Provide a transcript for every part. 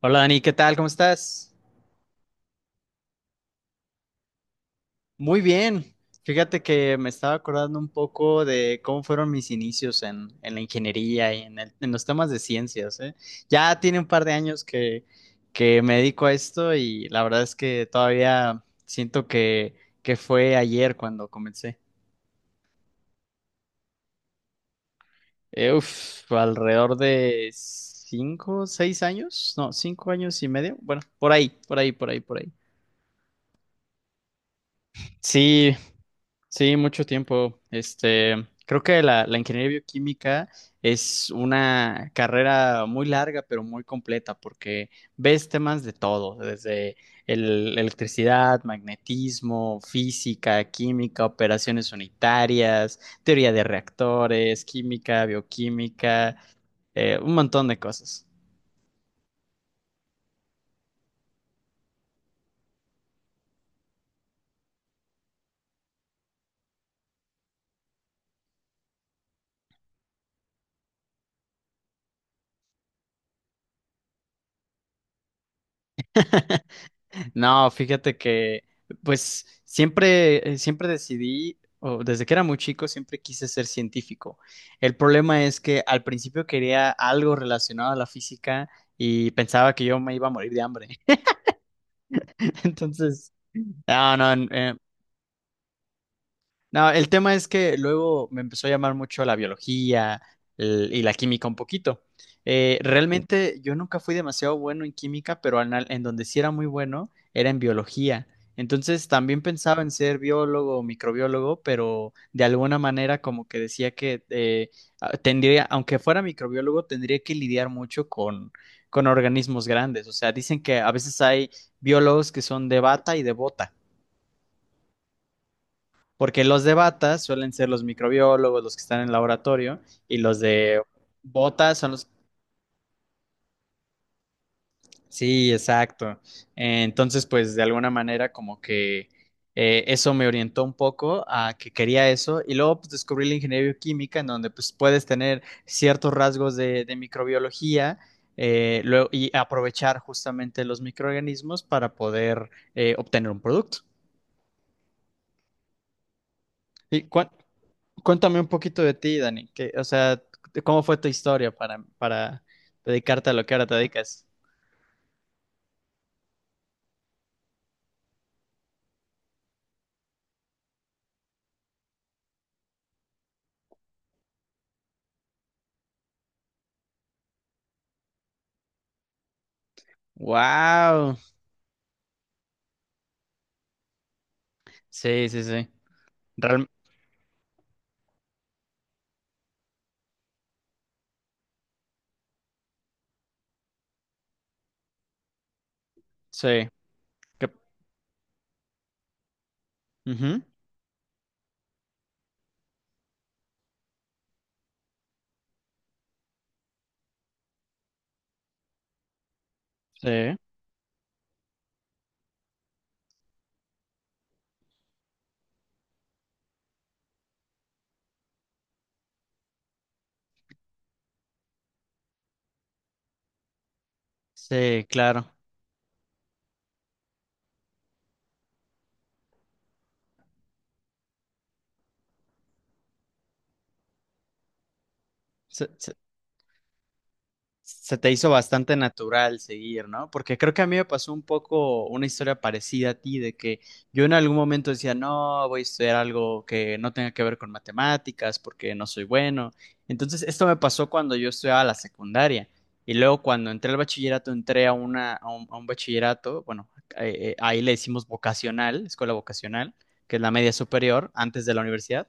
Hola Dani, ¿qué tal? ¿Cómo estás? Muy bien. Fíjate que me estaba acordando un poco de cómo fueron mis inicios en la ingeniería y en, en los temas de ciencias, ¿eh? Ya tiene un par de años que me dedico a esto, y la verdad es que todavía siento que fue ayer cuando comencé. Alrededor de 5, 6 años, no, 5 años y medio. Bueno, por ahí, por ahí, por ahí, por ahí. Sí, sí, mucho tiempo. Este, creo que la ingeniería bioquímica es una carrera muy larga, pero muy completa, porque ves temas de todo, desde electricidad, magnetismo, física, química, operaciones unitarias, teoría de reactores, química, bioquímica, un montón de cosas. No, fíjate que, pues, siempre, siempre decidí, o desde que era muy chico, siempre quise ser científico. El problema es que al principio quería algo relacionado a la física, y pensaba que yo me iba a morir de hambre. Entonces, no, no, en, no, el tema es que luego me empezó a llamar mucho la biología y la química un poquito. Realmente yo nunca fui demasiado bueno en química, pero donde sí era muy bueno era en biología. Entonces también pensaba en ser biólogo o microbiólogo, pero de alguna manera como que decía que tendría, aunque fuera microbiólogo, tendría que lidiar mucho con organismos grandes. O sea, dicen que a veces hay biólogos que son de bata y de bota. Porque los de bata suelen ser los microbiólogos, los que están en el laboratorio, y los de botas son los... Sí, exacto. Entonces, pues de alguna manera como que eso me orientó un poco a que quería eso, y luego pues descubrí la ingeniería bioquímica, en donde pues puedes tener ciertos rasgos de microbiología. Y aprovechar justamente los microorganismos para poder obtener un producto. ¿Y cuál Cuéntame un poquito de ti, Dani, que, o sea, de ¿cómo fue tu historia para dedicarte a lo que ahora te dedicas? Wow. Sí, sí, sí. Real- sí. Que, ujú. Sí. Sí, claro. Se te hizo bastante natural seguir, ¿no? Porque creo que a mí me pasó un poco una historia parecida a ti, de que yo en algún momento decía, no, voy a estudiar algo que no tenga que ver con matemáticas porque no soy bueno. Entonces, esto me pasó cuando yo estudiaba la secundaria. Y luego cuando entré al bachillerato, entré a un bachillerato, bueno, ahí le decimos vocacional, escuela vocacional, que es la media superior, antes de la universidad.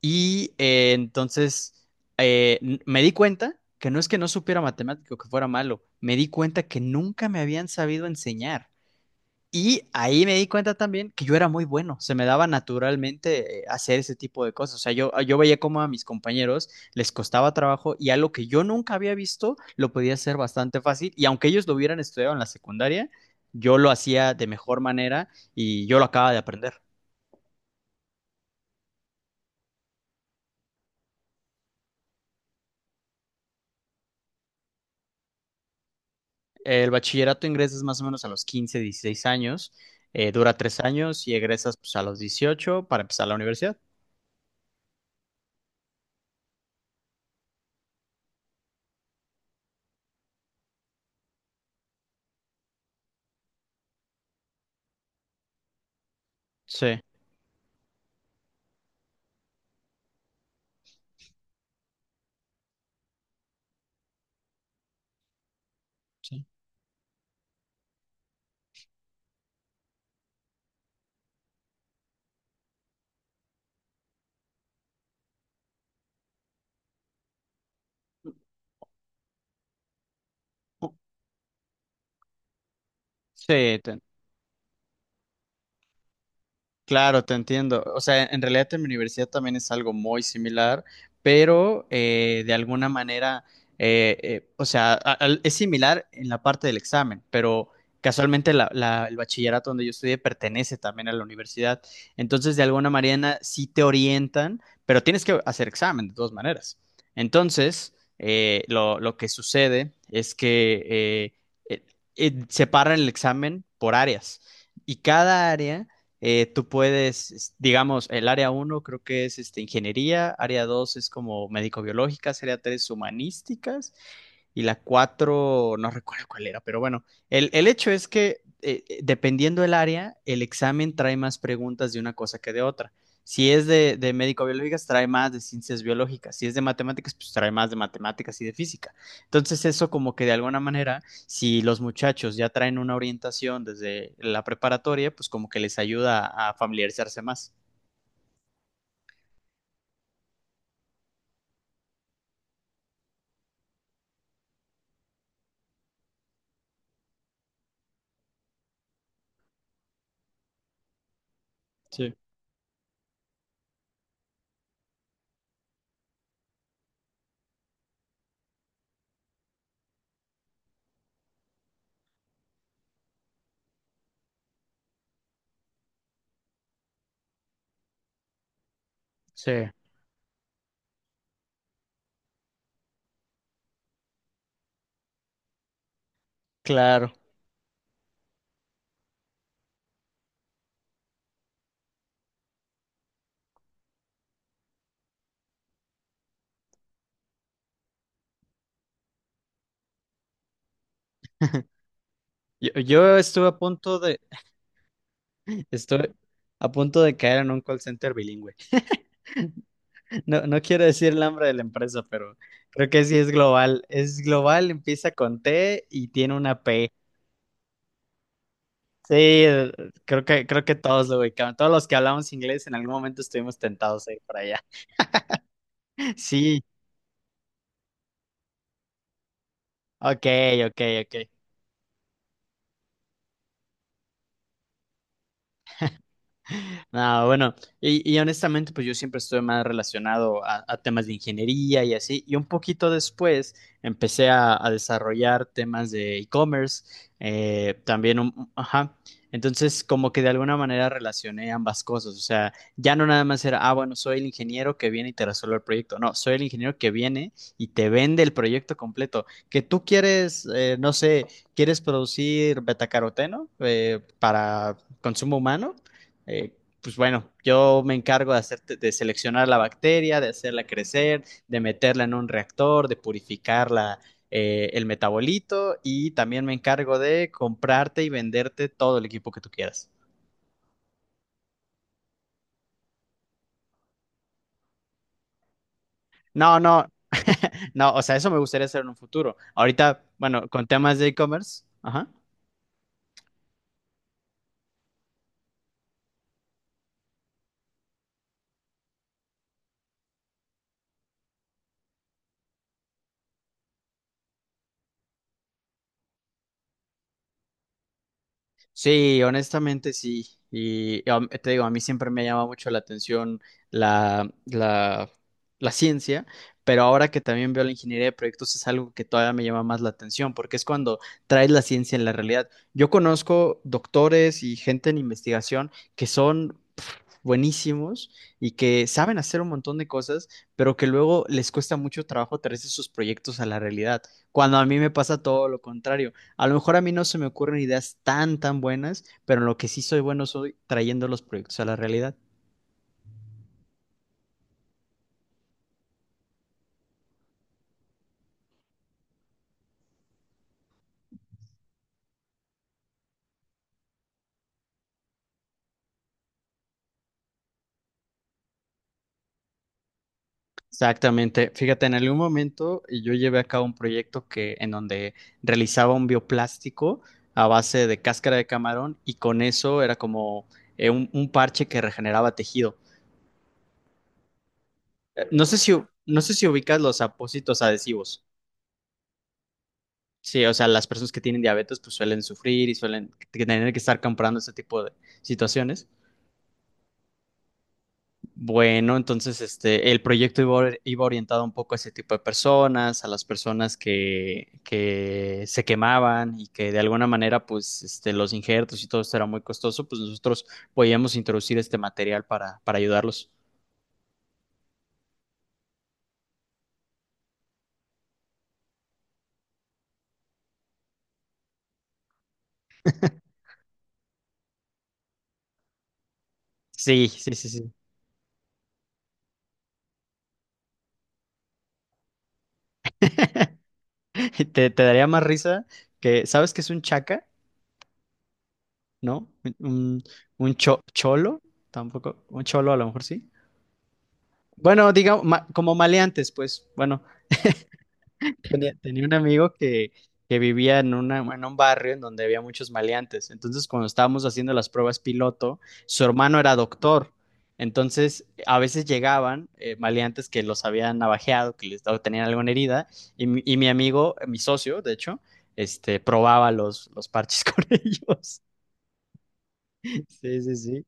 Y eh, entonces Me di cuenta que no es que no supiera matemático, que fuera malo, me di cuenta que nunca me habían sabido enseñar. Y ahí me di cuenta también que yo era muy bueno, se me daba naturalmente hacer ese tipo de cosas. O sea, yo veía cómo a mis compañeros les costaba trabajo, y algo que yo nunca había visto lo podía hacer bastante fácil. Y aunque ellos lo hubieran estudiado en la secundaria, yo lo hacía de mejor manera, y yo lo acababa de aprender. El bachillerato ingresas más o menos a los 15, 16 años, dura 3 años y egresas pues, a los 18, para empezar la universidad. Sí. Sí, te- Claro, te entiendo. O sea, en realidad en mi universidad también es algo muy similar, pero de alguna manera, o sea, a- al- es similar en la parte del examen, pero casualmente el bachillerato donde yo estudié pertenece también a la universidad. Entonces, de alguna manera sí te orientan, pero tienes que hacer examen de todas maneras. Entonces, lo que sucede es que eh, eh, separan el examen por áreas, y cada área tú puedes, digamos, el área uno creo que es este, ingeniería, área 2 es como médico-biológicas, área 3 humanísticas, y la 4 no recuerdo cuál era, pero bueno, el hecho es que dependiendo del área, el examen trae más preguntas de una cosa que de otra. Si es de médico-biológicas, trae más de ciencias biológicas. Si es de matemáticas, pues trae más de matemáticas y de física. Entonces eso, como que de alguna manera, si los muchachos ya traen una orientación desde la preparatoria, pues como que les ayuda a familiarizarse más. Sí, sí. Claro. Yo estuve a punto de, Estoy a punto de caer en un call center bilingüe. No, no quiero decir el nombre de la empresa, pero creo que sí es global. Es global, empieza con T y tiene una P. Sí, creo que todos lo ubicamos. Todos los que hablamos inglés en algún momento estuvimos tentados a ir para allá. Sí, ok, ok, ok. No, bueno, y honestamente, pues yo siempre estuve más relacionado a temas de ingeniería y así, y un poquito después empecé a desarrollar temas de e-commerce, ajá, entonces como que de alguna manera relacioné ambas cosas, o sea, ya no nada más era, ah, bueno, soy el ingeniero que viene y te resuelve el proyecto, no, soy el ingeniero que viene y te vende el proyecto completo, que tú quieres, no sé, quieres producir betacaroteno para consumo humano. Eh, pues bueno, yo me encargo hacer, de seleccionar la bacteria, de hacerla crecer, de meterla en un reactor, de purificarla, el metabolito, y también me encargo de comprarte y venderte todo el equipo que tú quieras. No, no, no, o sea, eso me gustaría hacer en un futuro. Ahorita, bueno, con temas de e-commerce, ajá. Sí, honestamente sí. Y te digo, a mí siempre me llama mucho la atención la, la, la ciencia, pero ahora que también veo la ingeniería de proyectos es algo que todavía me llama más la atención, porque es cuando traes la ciencia en la realidad. Yo conozco doctores y gente en investigación que son pf, buenísimos, y que saben hacer un montón de cosas, pero que luego les cuesta mucho trabajo traerse sus proyectos a la realidad, cuando a mí me pasa todo lo contrario. A lo mejor a mí no se me ocurren ideas tan, tan buenas, pero en lo que sí soy bueno soy trayendo los proyectos a la realidad. Exactamente. Fíjate, en algún momento yo llevé a cabo un proyecto en donde realizaba un bioplástico a base de cáscara de camarón, y con eso era como un parche que regeneraba tejido. No sé si, no sé si ubicas los apósitos adhesivos. Sí, o sea, las personas que tienen diabetes pues suelen sufrir y suelen tener que estar comprando ese tipo de situaciones. Bueno, entonces este, el proyecto iba, iba orientado un poco a ese tipo de personas, a las personas que se quemaban, y que de alguna manera, pues, este, los injertos y todo esto era muy costoso, pues nosotros podíamos introducir este material para ayudarlos. Sí, sí, sí, sí. Te daría más risa que, ¿sabes qué es un chaca? ¿No? Un, un cholo, tampoco, un cholo a lo mejor sí. Bueno, digamos, como maleantes, pues, bueno. Tenía un amigo que vivía en, una, en un barrio en donde había muchos maleantes. Entonces, cuando estábamos haciendo las pruebas piloto, su hermano era doctor. Entonces, a veces llegaban maleantes que los habían navajeado, o tenían alguna herida, y mi amigo, mi socio, de hecho, este, probaba los parches con ellos. Sí, sí, sí.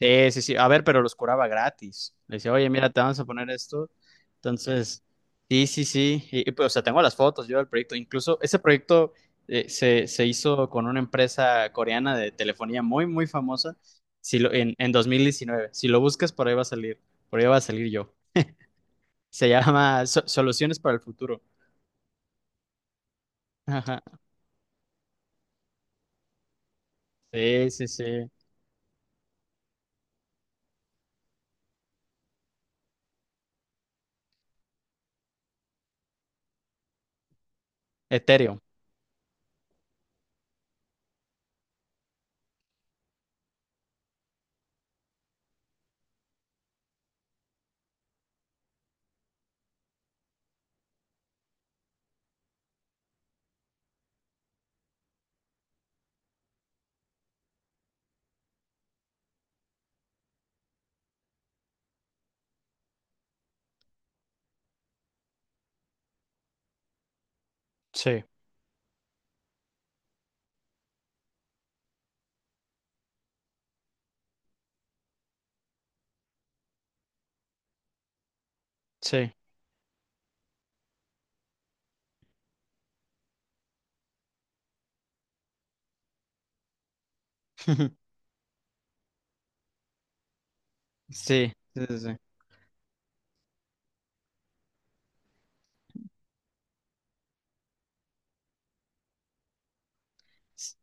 Sí, sí, sí. A ver, pero los curaba gratis. Le decía, oye, mira, te vamos a poner esto. Entonces, sí, sí, sí. Y, pues, o sea, tengo las fotos yo del proyecto. Incluso ese proyecto se hizo con una empresa coreana de telefonía muy, muy famosa. Si lo, En 2019, si lo buscas, por ahí va a salir. Por ahí va a salir yo. Se llama Soluciones para el Futuro. Ajá. Sí, sí, sí. Ethereum. Sí, sí. Sí, sí, sí. Sí,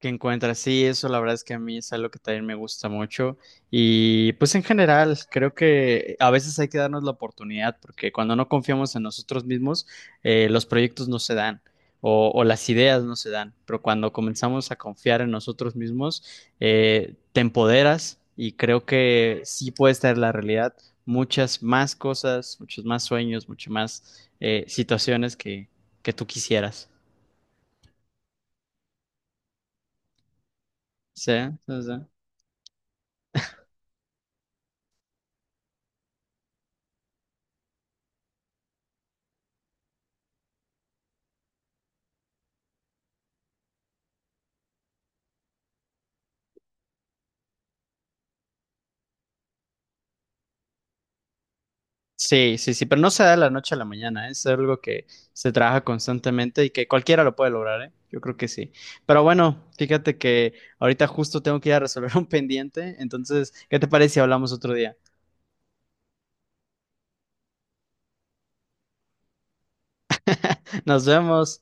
que encuentras. Sí, eso la verdad es que a mí es algo que también me gusta mucho. Y pues en general, creo que a veces hay que darnos la oportunidad, porque cuando no confiamos en nosotros mismos, los proyectos no se dan, o las ideas no se dan. Pero cuando comenzamos a confiar en nosotros mismos, te empoderas, y creo que sí puedes traer la realidad muchas más cosas, muchos más sueños, muchas más situaciones que tú quisieras. Sí, sí, sí. Sí, sí, sí, pero no se da de la noche a la mañana, ¿eh? Es algo que se trabaja constantemente, y que cualquiera lo puede lograr, ¿eh? Yo creo que sí. Pero bueno, fíjate que ahorita justo tengo que ir a resolver un pendiente, entonces, ¿qué te parece si hablamos otro día? Nos vemos.